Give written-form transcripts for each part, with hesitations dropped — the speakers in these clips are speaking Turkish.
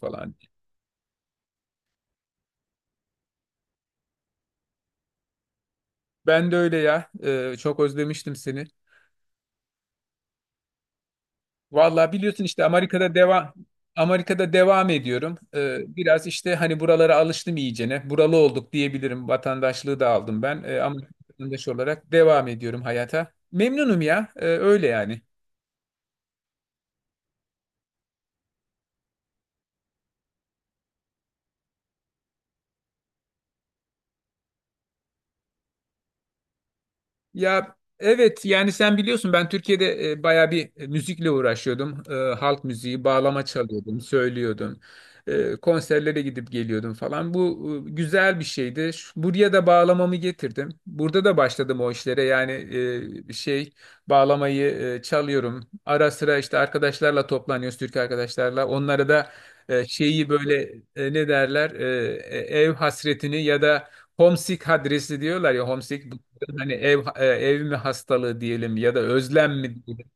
Falan. Ben de öyle ya. Çok özlemiştim seni. Vallahi biliyorsun işte Amerika'da devam. Amerika'da devam ediyorum. Biraz işte hani buralara alıştım iyicene. Buralı olduk diyebilirim. Vatandaşlığı da aldım ben. Ama vatandaş olarak devam ediyorum hayata. Memnunum ya. Öyle yani. Ya evet yani sen biliyorsun ben Türkiye'de bayağı bir müzikle uğraşıyordum. Halk müziği, bağlama çalıyordum, söylüyordum. Konserlere gidip geliyordum falan. Bu güzel bir şeydi. Buraya da bağlamamı getirdim. Burada da başladım o işlere. Yani e, şey bağlamayı çalıyorum. Ara sıra işte arkadaşlarla toplanıyoruz, Türk arkadaşlarla. Onlara da şeyi böyle, ne derler? Ev hasretini ya da homesick, adresi diyorlar ya, homesick. Hani ev, ev mi hastalığı diyelim ya da özlem mi diyelim.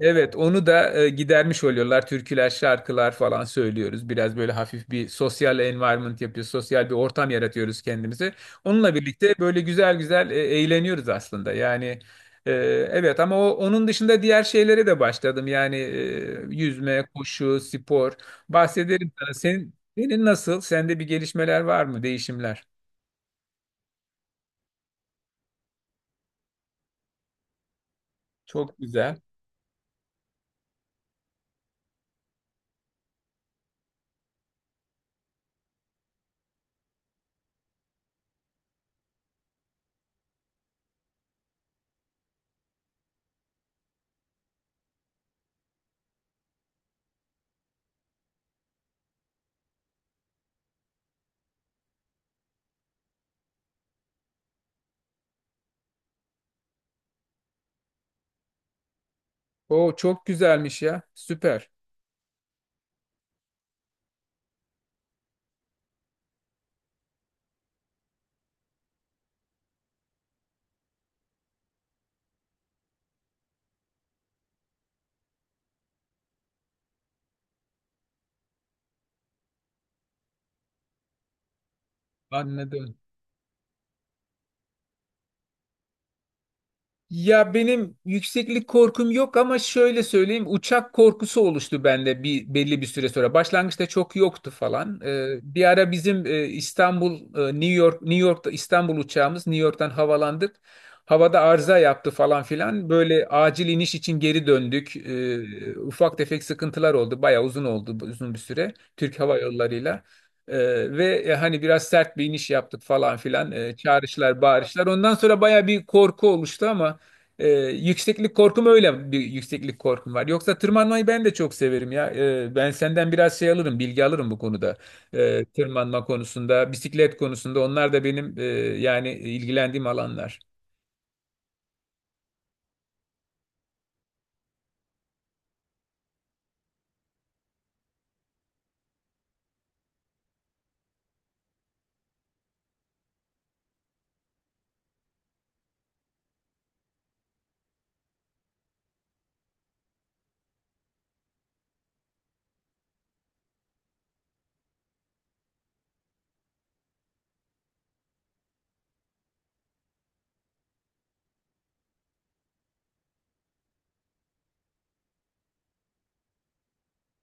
Evet, onu da gidermiş oluyorlar. Türküler, şarkılar falan söylüyoruz. Biraz böyle hafif bir sosyal environment yapıyoruz. Sosyal bir ortam yaratıyoruz kendimize. Onunla birlikte böyle güzel güzel eğleniyoruz aslında. Yani, e, evet ama onun dışında diğer şeylere de başladım. Yani yüzme, koşu, spor bahsederim sana. Senin nasıl? Sende bir gelişmeler var mı? Değişimler? Çok güzel. O çok güzelmiş ya. Süper. Ben ne de. Ya, benim yükseklik korkum yok ama şöyle söyleyeyim, uçak korkusu oluştu bende bir belli bir süre sonra. Başlangıçta çok yoktu falan. Bir ara bizim İstanbul, New York, New York'ta İstanbul uçağımız New York'tan havalandık. Havada arıza yaptı falan filan. Böyle acil iniş için geri döndük. Ufak tefek sıkıntılar oldu. Bayağı uzun oldu, uzun bir süre Türk Hava Yolları'yla. Ee, Hani biraz sert bir iniş yaptık falan filan. Çağrışlar, bağırışlar. Ondan sonra baya bir korku oluştu ama yükseklik korkum, öyle bir yükseklik korkum var. Yoksa tırmanmayı ben de çok severim ya. Ben senden biraz şey alırım, bilgi alırım bu konuda. Tırmanma konusunda, bisiklet konusunda onlar da benim, yani ilgilendiğim alanlar.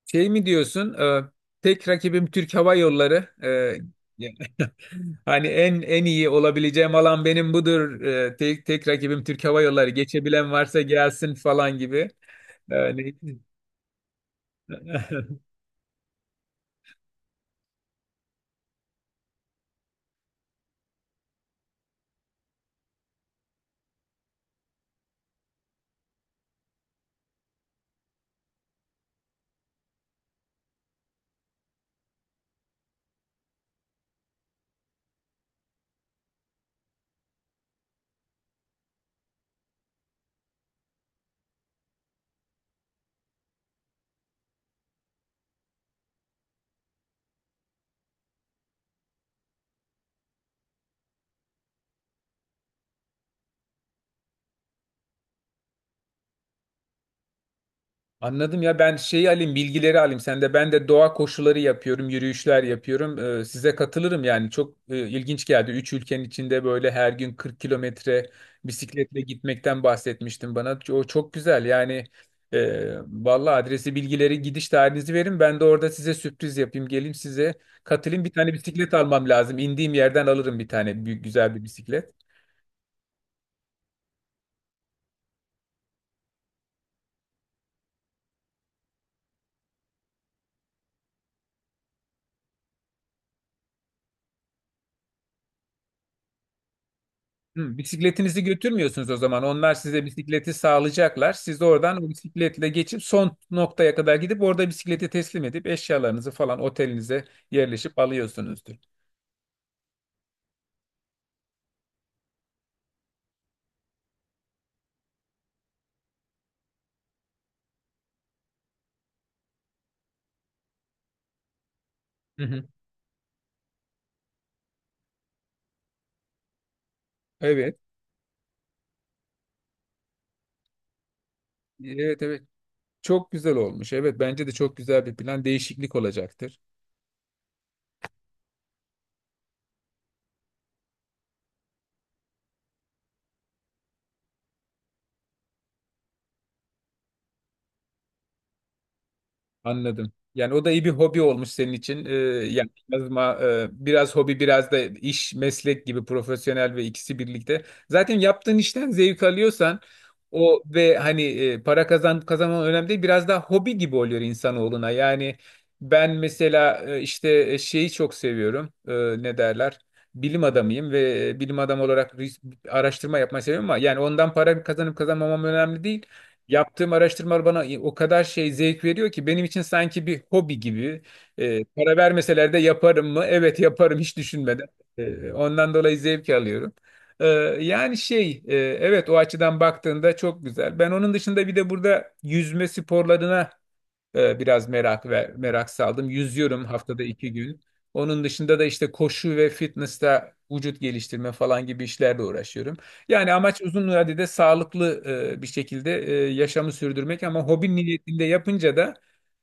Şey mi diyorsun? Tek rakibim Türk Hava Yolları. Hani en iyi olabileceğim alan benim budur. Tek rakibim Türk Hava Yolları. Geçebilen varsa gelsin falan gibi. Yani anladım ya, ben şeyi alayım, bilgileri alayım. Sen de, ben de doğa koşuları yapıyorum, yürüyüşler yapıyorum. Size katılırım yani, çok ilginç geldi. Üç ülkenin içinde böyle her gün 40 kilometre bisikletle gitmekten bahsetmiştim, bana o çok güzel yani. Valla adresi, bilgileri, gidiş tarihinizi verin, ben de orada size sürpriz yapayım, geleyim size, katılayım. Bir tane bisiklet almam lazım, indiğim yerden alırım bir tane büyük güzel bir bisiklet. Hı, bisikletinizi götürmüyorsunuz o zaman. Onlar size bisikleti sağlayacaklar. Siz de oradan o bisikletle geçip son noktaya kadar gidip orada bisikleti teslim edip eşyalarınızı falan otelinize yerleşip alıyorsunuzdur. Hı hı. Evet. Evet, evet. Çok güzel olmuş. Evet, bence de çok güzel bir plan. Değişiklik olacaktır. Anladım. Yani o da iyi bir hobi olmuş senin için. Yani yazma biraz hobi, biraz da iş, meslek gibi, profesyonel ve ikisi birlikte. Zaten yaptığın işten zevk alıyorsan o, ve hani, para kazanman önemli değil. Biraz daha hobi gibi oluyor insanoğluna. Yani ben mesela, işte, şeyi çok seviyorum. Ne derler? Bilim adamıyım ve bilim adamı olarak araştırma yapmayı seviyorum ama yani ondan para kazanıp kazanmamam önemli değil. Yaptığım araştırmalar bana o kadar şey zevk veriyor ki, benim için sanki bir hobi gibi. Para vermeseler de yaparım mı? Evet, yaparım hiç düşünmeden. Ondan dolayı zevk alıyorum. Ee, Yani şey, evet, o açıdan baktığında çok güzel. Ben onun dışında bir de burada yüzme sporlarına biraz merak, merak saldım. Yüzüyorum haftada iki gün. Onun dışında da işte koşu ve fitness'ta vücut geliştirme falan gibi işlerle uğraşıyorum. Yani amaç uzun vadede sağlıklı, bir şekilde yaşamı sürdürmek, ama hobi niyetinde yapınca da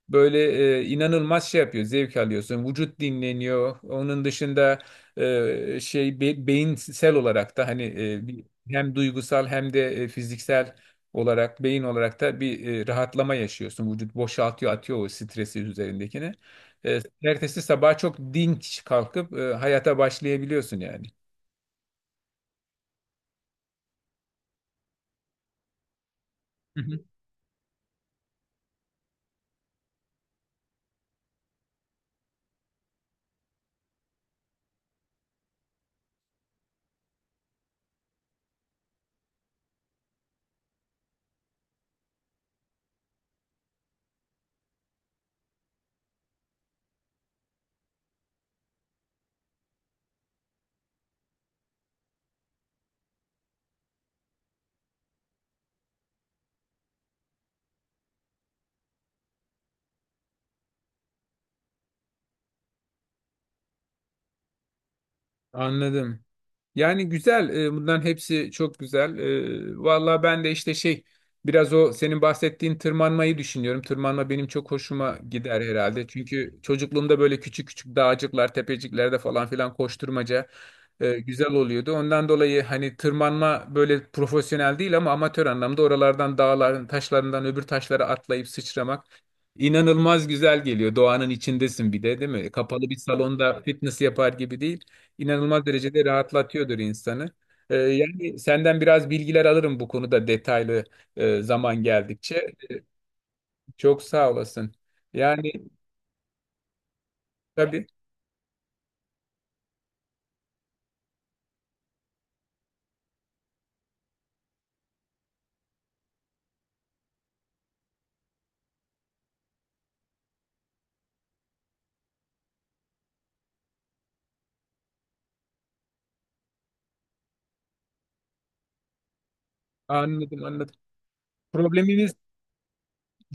böyle inanılmaz şey yapıyor, zevk alıyorsun. Vücut dinleniyor. Onun dışında beyinsel olarak da hani hem duygusal hem de fiziksel olarak, beyin olarak da bir rahatlama yaşıyorsun. Vücut boşaltıyor, atıyor o stresi üzerindekini. E, Ertesi sabah çok dinç kalkıp hayata başlayabiliyorsun yani. Anladım. Yani güzel. Bunların hepsi çok güzel. Vallahi ben de işte şey, biraz o senin bahsettiğin tırmanmayı düşünüyorum. Tırmanma benim çok hoşuma gider herhalde. Çünkü çocukluğumda böyle küçük küçük dağcıklar, tepeciklerde falan filan koşturmaca güzel oluyordu. Ondan dolayı hani tırmanma böyle profesyonel değil ama amatör anlamda oralardan dağların taşlarından öbür taşlara atlayıp sıçramak inanılmaz güzel geliyor. Doğanın içindesin bir de, değil mi? Kapalı bir salonda fitness yapar gibi değil, inanılmaz derecede rahatlatıyordur insanı. Yani senden biraz bilgiler alırım bu konuda, detaylı zaman geldikçe. Çok sağ olasın. Yani tabii, anladım. Problemimiz,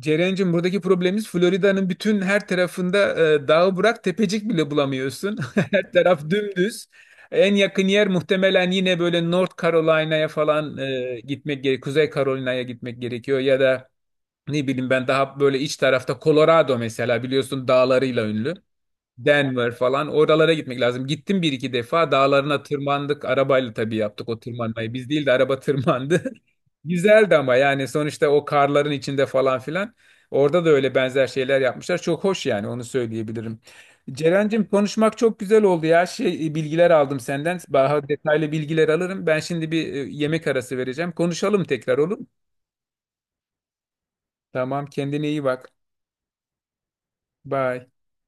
Ceren'cim, buradaki problemimiz Florida'nın bütün her tarafında dağı bırak, tepecik bile bulamıyorsun. Her taraf dümdüz. En yakın yer muhtemelen yine böyle North Carolina'ya falan gitmek gerekiyor. Kuzey Carolina'ya gitmek gerekiyor, ya da ne bileyim, ben daha böyle iç tarafta Colorado mesela, biliyorsun dağlarıyla ünlü. Denver falan, oralara gitmek lazım. Gittim bir iki defa, dağlarına tırmandık. Arabayla tabii yaptık o tırmanmayı. Biz değil de araba tırmandı. Güzeldi ama yani sonuçta, o karların içinde falan filan. Orada da öyle benzer şeyler yapmışlar. Çok hoş yani, onu söyleyebilirim. Ceren'cim konuşmak çok güzel oldu ya. Şey, bilgiler aldım senden. Daha detaylı bilgiler alırım. Ben şimdi bir yemek arası vereceğim. Konuşalım tekrar, olur mu? Tamam, kendine iyi bak. Bye.